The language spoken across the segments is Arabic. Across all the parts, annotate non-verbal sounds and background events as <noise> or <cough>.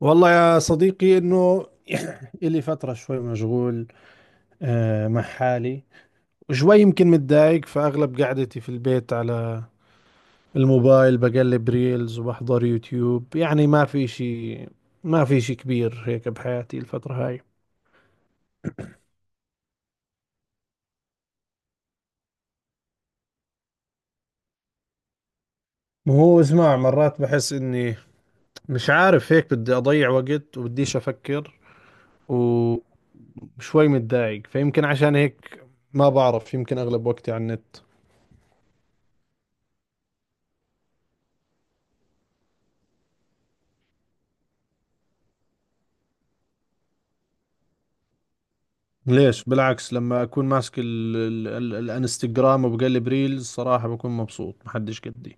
والله يا صديقي انه <clears throat> الي فترة شوي مشغول مع حالي. وشوي يمكن متضايق، فاغلب قعدتي في البيت على الموبايل بقلب ريلز وبحضر يوتيوب. يعني ما في شيء، كبير هيك بحياتي الفترة هاي. ما هو اسمع، مرات بحس اني مش عارف هيك، بدي اضيع وقت وبديش افكر وشوي متضايق، فيمكن عشان هيك ما بعرف، يمكن اغلب وقتي على النت. ليش؟ بالعكس، لما اكون ماسك ال ال ال الانستغرام وبقلب ريلز صراحة بكون مبسوط محدش قدي.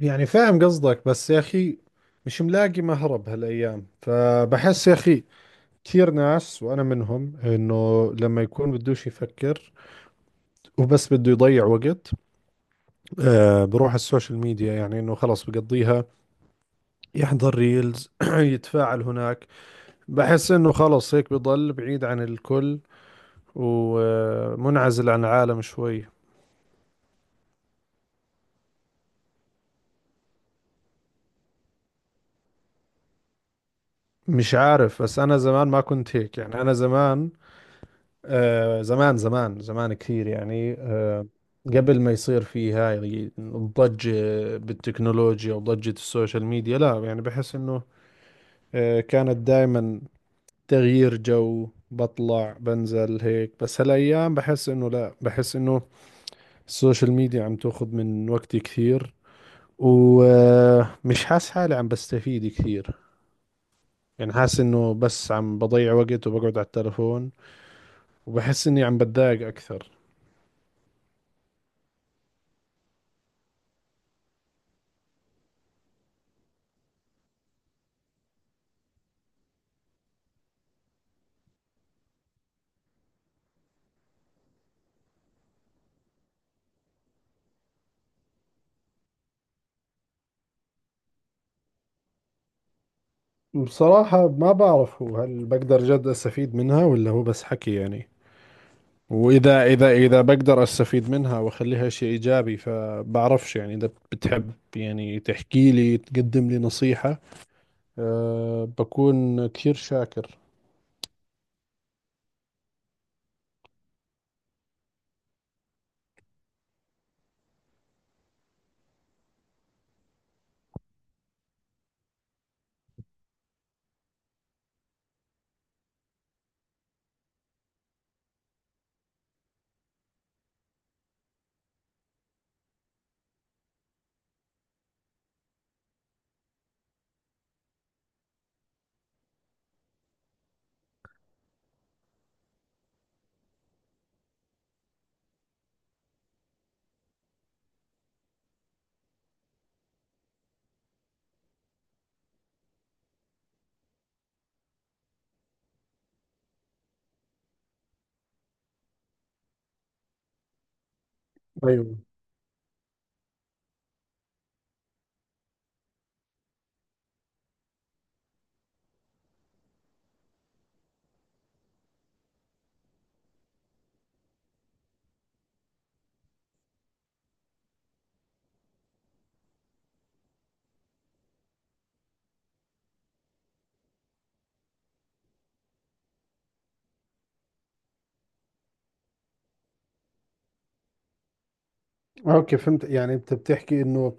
يعني فاهم قصدك بس يا أخي مش ملاقي مهرب هالأيام. فبحس يا أخي كثير ناس وأنا منهم، إنه لما يكون بدوش يفكر وبس بده يضيع وقت، بروح على السوشيال ميديا. يعني إنه خلص بقضيها، يحضر ريلز <clears throat> يتفاعل هناك. بحس إنه خلص هيك بضل بعيد عن الكل ومنعزل عن العالم شوي. مش عارف، بس انا زمان ما كنت هيك. يعني انا زمان، زمان زمان زمان كثير يعني قبل ما يصير في هاي الضجة بالتكنولوجيا وضجة السوشيال ميديا، لا يعني بحس انه كانت دائما تغيير جو، بطلع بنزل هيك. بس هالايام بحس انه لا، بحس انه السوشيال ميديا عم تاخذ من وقتي كثير، ومش حاسس حالي عم بستفيد كثير. يعني حاسس انه بس عم بضيع وقت وبقعد على التلفون، وبحس إني عم بتضايق أكثر. بصراحة ما بعرف، هو هل بقدر جد أستفيد منها، ولا هو بس حكي؟ يعني وإذا إذا إذا بقدر أستفيد منها وأخليها شيء إيجابي فبعرفش. يعني إذا بتحب يعني تحكي لي تقدم لي نصيحة أه بكون كثير شاكر. ايوه. اوكي، فهمت. يعني انت بتحكي انه،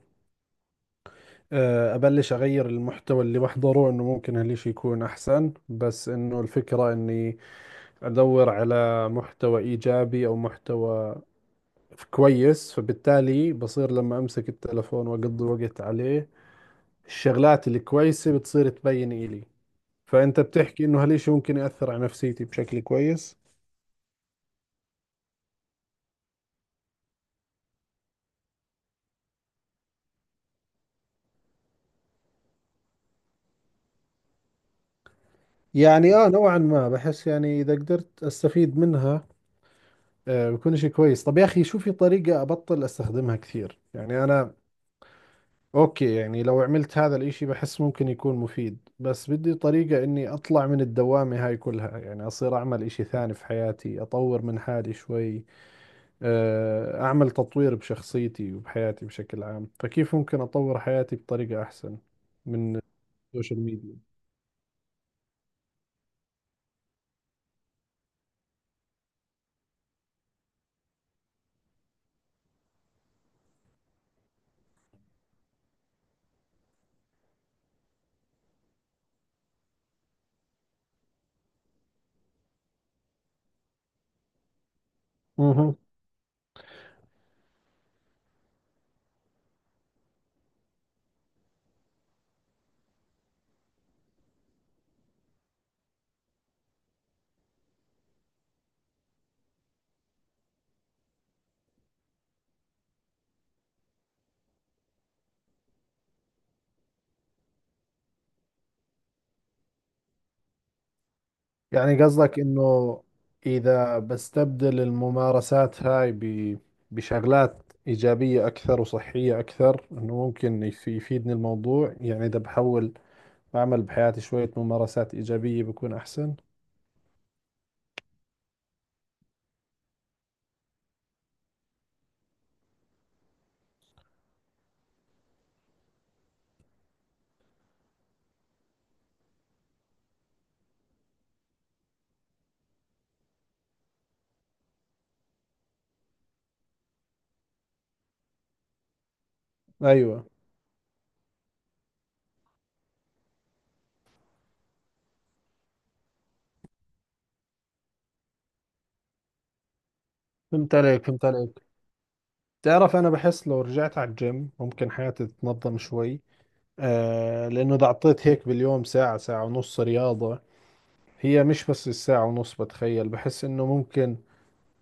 ابلش اغير المحتوى اللي بحضره، انه ممكن هالشي يكون احسن. بس انه الفكرة اني ادور على محتوى ايجابي او محتوى كويس، فبالتالي بصير لما امسك التلفون واقضي وقت عليه الشغلات الكويسة بتصير تبين إلي. فأنت بتحكي إنه هالإشي ممكن يأثر على نفسيتي بشكل كويس. يعني نوعا ما بحس، يعني إذا قدرت أستفيد منها بكون إشي كويس. طب يا أخي شو في طريقة أبطل أستخدمها كثير؟ يعني أنا أوكي، يعني لو عملت هذا الإشي بحس ممكن يكون مفيد. بس بدي طريقة إني أطلع من الدوامة هاي كلها، يعني أصير أعمل إشي ثاني في حياتي، أطور من حالي شوي. أعمل تطوير بشخصيتي وبحياتي بشكل عام. فكيف ممكن أطور حياتي بطريقة أحسن من السوشيال ميديا؟ مهم. يعني قصدك إنه إذا بستبدل الممارسات هاي بشغلات إيجابية أكثر وصحية أكثر، إنه ممكن يفيدني الموضوع. يعني إذا بحاول أعمل بحياتي شوية ممارسات إيجابية بكون أحسن. أيوة. فهمت عليك، فهمت عليك. تعرف أنا بحس لو رجعت على الجيم ممكن حياتي تتنظم شوي، لأنه إذا عطيت هيك باليوم ساعة ساعة ونص رياضة، هي مش بس الساعة ونص بتخيل، بحس إنه ممكن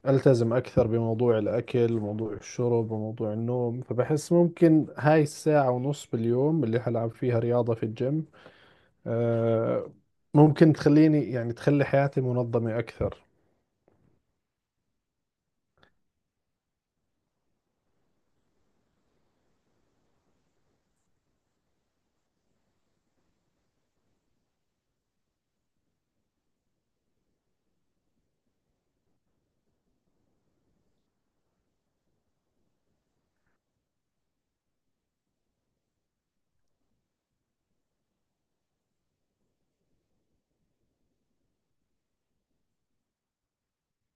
ألتزم أكثر بموضوع الأكل وموضوع الشرب وموضوع النوم. فبحس ممكن هاي الساعة ونص باليوم اللي حلعب فيها رياضة في الجيم آه ممكن تخليني، يعني تخلي حياتي منظمة أكثر.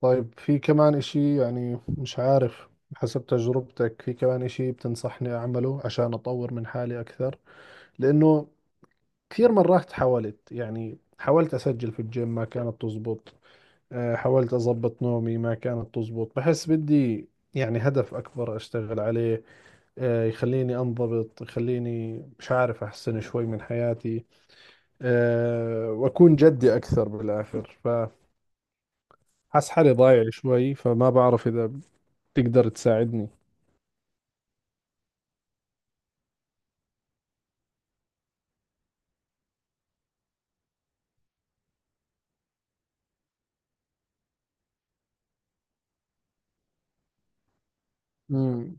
طيب في كمان إشي؟ يعني مش عارف، حسب تجربتك في كمان إشي بتنصحني أعمله عشان أطور من حالي أكثر؟ لأنه كثير مرات حاولت، يعني حاولت أسجل في الجيم ما كانت تزبط، حاولت أضبط نومي ما كانت تزبط. بحس بدي يعني هدف أكبر أشتغل عليه، يخليني أنضبط، يخليني مش عارف أحسن شوي من حياتي، وأكون جدي أكثر بالآخر. فحس حالي ضايع شوي، فما بعرف إذا تقدر تساعدني. مم.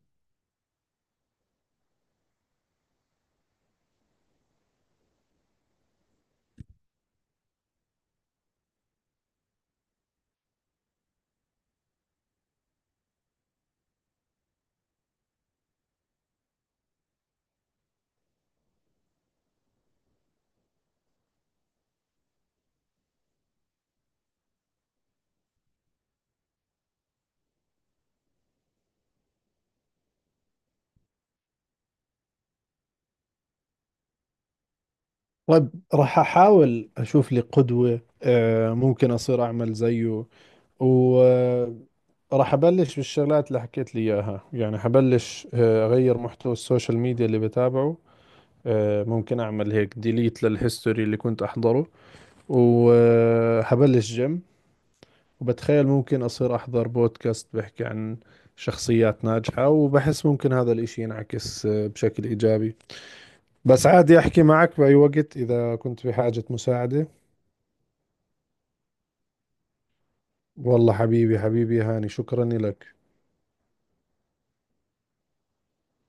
طيب راح أحاول أشوف لي قدوة، ممكن أصير أعمل زيه. وراح أبلش بالشغلات اللي حكيت لي إياها. يعني حبلش أغير محتوى السوشيال ميديا اللي بتابعه، ممكن أعمل هيك ديليت للهيستوري اللي كنت أحضره، وحبلش جيم. وبتخيل ممكن أصير أحضر بودكاست بحكي عن شخصيات ناجحة، وبحس ممكن هذا الإشي ينعكس بشكل إيجابي. بس عادي أحكي معك بأي وقت إذا كنت بحاجة مساعدة. والله حبيبي، حبيبي هاني، شكرا لك.